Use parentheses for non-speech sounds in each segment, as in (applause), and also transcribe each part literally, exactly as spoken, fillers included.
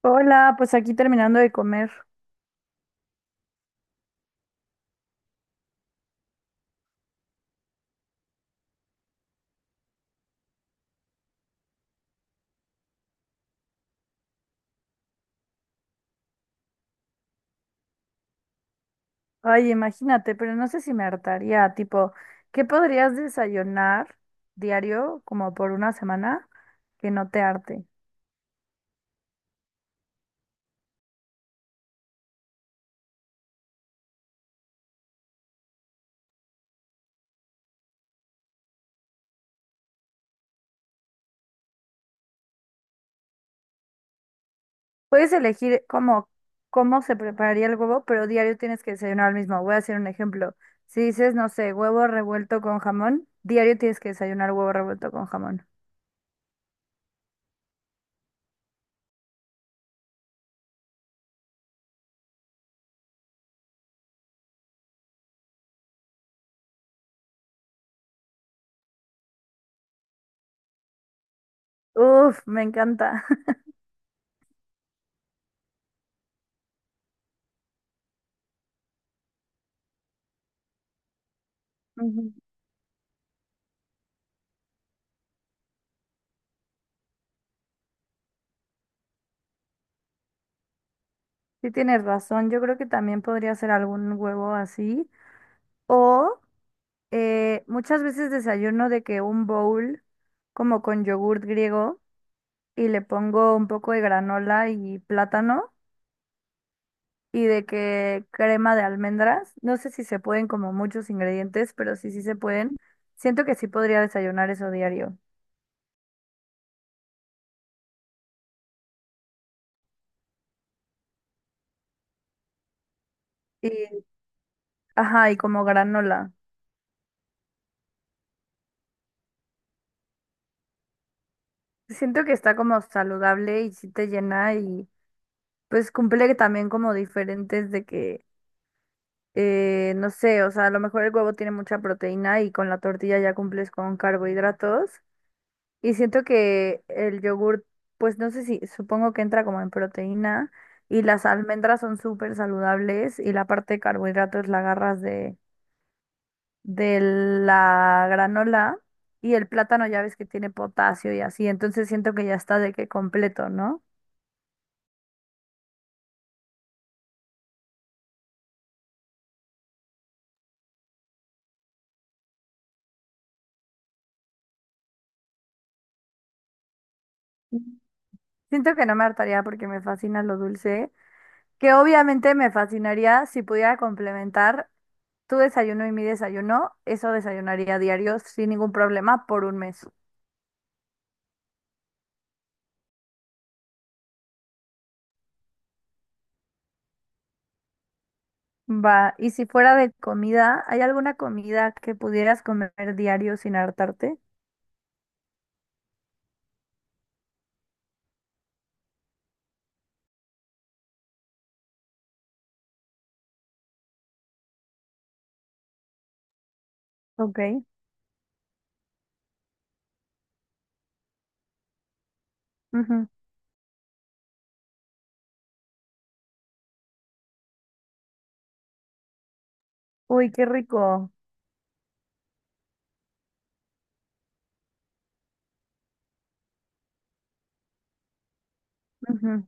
Hola, pues aquí terminando de comer. Ay, imagínate, pero no sé si me hartaría, tipo, ¿qué podrías desayunar diario como por una semana que no te harte? Puedes elegir como cómo se prepararía el huevo, pero diario tienes que desayunar el mismo. Voy a hacer un ejemplo. Si dices, no sé, huevo revuelto con jamón, diario tienes que desayunar huevo revuelto con jamón. Uf, me encanta. (laughs) Ujú. Sí tienes razón, yo creo que también podría ser algún huevo así o Eh, muchas veces desayuno de que un bowl como con yogurt griego y le pongo un poco de granola y plátano y de que crema de almendras. No sé si se pueden como muchos ingredientes, pero sí, sí se pueden. Siento que sí podría desayunar eso diario. Y, ajá, y como granola. Siento que está como saludable y sí te llena y pues cumple también como diferentes de que Eh, no sé, o sea, a lo mejor el huevo tiene mucha proteína y con la tortilla ya cumples con carbohidratos. Y siento que el yogur, pues no sé si, supongo que entra como en proteína y las almendras son súper saludables y la parte de carbohidratos la agarras de, de la granola y el plátano ya ves que tiene potasio y así, entonces siento que ya está de que completo, ¿no? Siento que no me hartaría porque me fascina lo dulce, que obviamente me fascinaría si pudiera complementar. Tu desayuno y mi desayuno, eso desayunaría diario sin ningún problema por un mes. Va, y si fuera de comida, ¿hay alguna comida que pudieras comer diario sin hartarte? Ok. Ujú. Uy, qué rico. Ujú.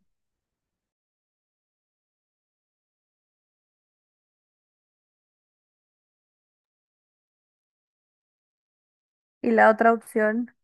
Y la otra opción.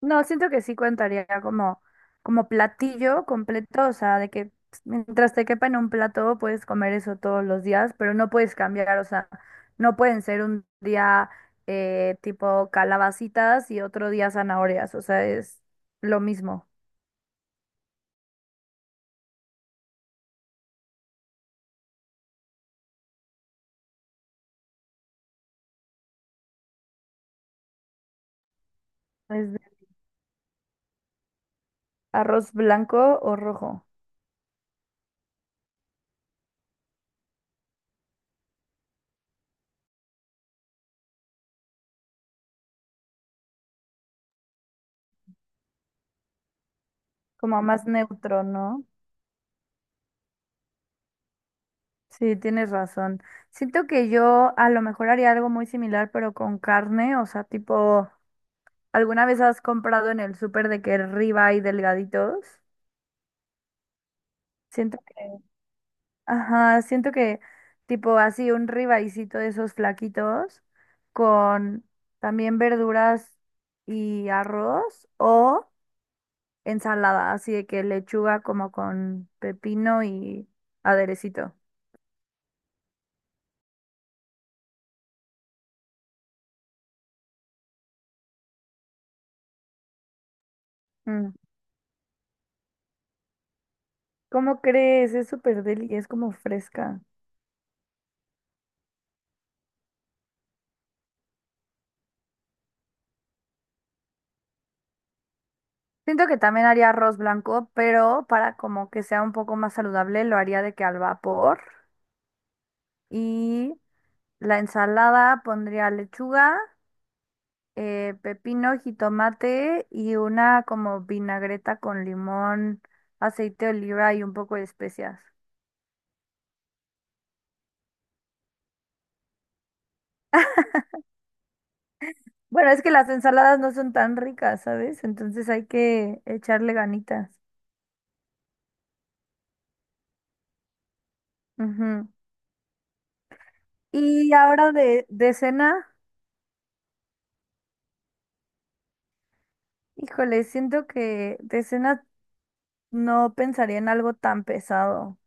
No, siento que sí contaría como, como platillo completo, o sea, de que mientras te quepa en un plato puedes comer eso todos los días, pero no puedes cambiar, o sea, no pueden ser un día eh, tipo calabacitas y otro día zanahorias, o sea, es lo mismo. Es de arroz blanco o rojo, como más neutro, ¿no? Sí, tienes razón. Siento que yo a lo mejor haría algo muy similar, pero con carne, o sea, tipo... ¿Alguna vez has comprado en el súper de que ribeye delgaditos? Siento que, ajá, siento que tipo así un ribaycito de esos flaquitos con también verduras y arroz o ensalada, así de que lechuga como con pepino y aderecito. Mm, ¿Cómo crees? Es súper deli, es como fresca. Siento que también haría arroz blanco, pero para como que sea un poco más saludable, lo haría de que al vapor. Y la ensalada pondría lechuga, eh, pepino, jitomate y una como vinagreta con limón, aceite de oliva y un poco de especias. Bueno, es que las ensaladas no son tan ricas, ¿sabes? Entonces hay que echarle ganitas. Ujú. Y ahora de, de cena, híjole, siento que de cena no pensaría en algo tan pesado.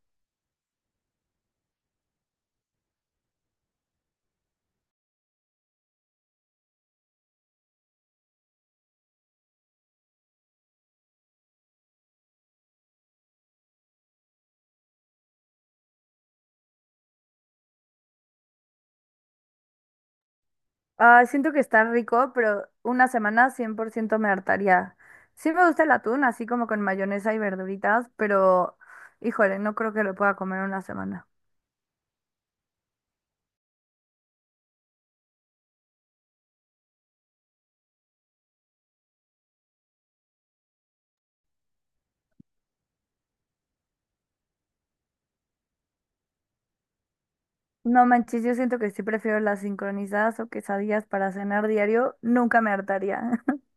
Ah, siento que está rico, pero una semana cien por ciento me hartaría. Sí me gusta el atún, así como con mayonesa y verduritas, pero híjole, no creo que lo pueda comer una semana. No manches, yo siento que sí prefiero las sincronizadas o quesadillas para cenar diario, nunca me hartaría. (laughs)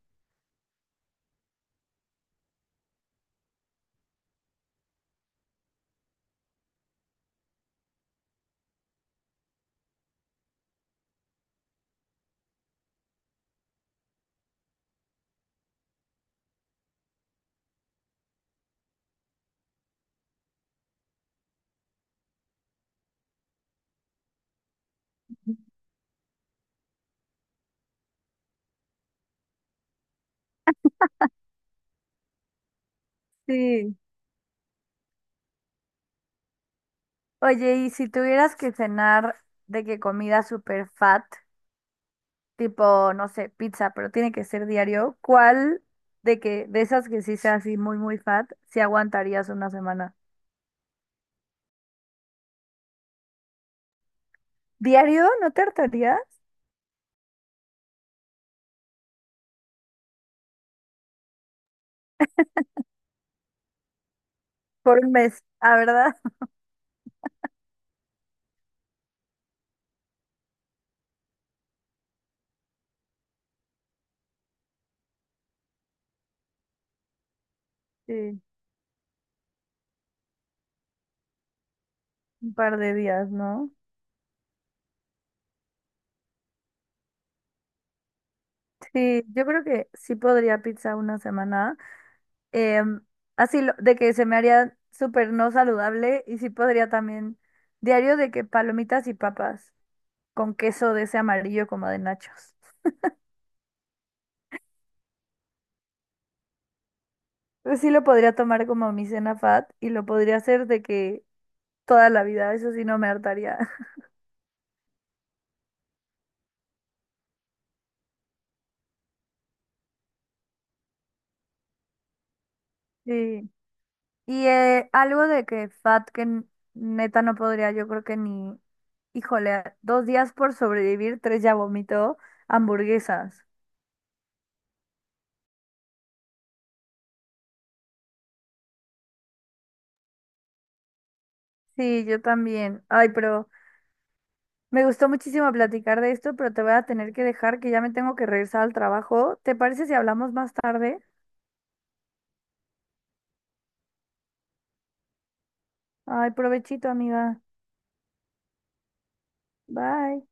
Sí. Oye, y si tuvieras que cenar de que comida super fat, tipo, no sé, pizza, pero tiene que ser diario, ¿cuál de que de esas que sí sea así muy muy fat, si aguantarías una semana? ¿Diario? ¿No te hartarías? ¿Por un mes, ah verdad? (laughs) Sí, un par de días, ¿no? Sí, yo creo que sí podría pizza una semana. Em, así lo- de que se me haría súper no saludable y sí podría también diario de que palomitas y papas con queso de ese amarillo como de nachos. Pues sí lo podría tomar como mi cena fat y lo podría hacer de que toda la vida, eso sí no me hartaría. (laughs) Sí. Y eh, algo de que fat que n- neta no podría, yo creo que ni. Híjole, a- dos días por sobrevivir, tres ya vomitó. Hamburguesas. Sí, yo también. Ay, pero me gustó muchísimo platicar de esto, pero te voy a tener que dejar que ya me tengo que regresar al trabajo. ¿Te parece si hablamos más tarde? Ay, provechito, amiga. Bye.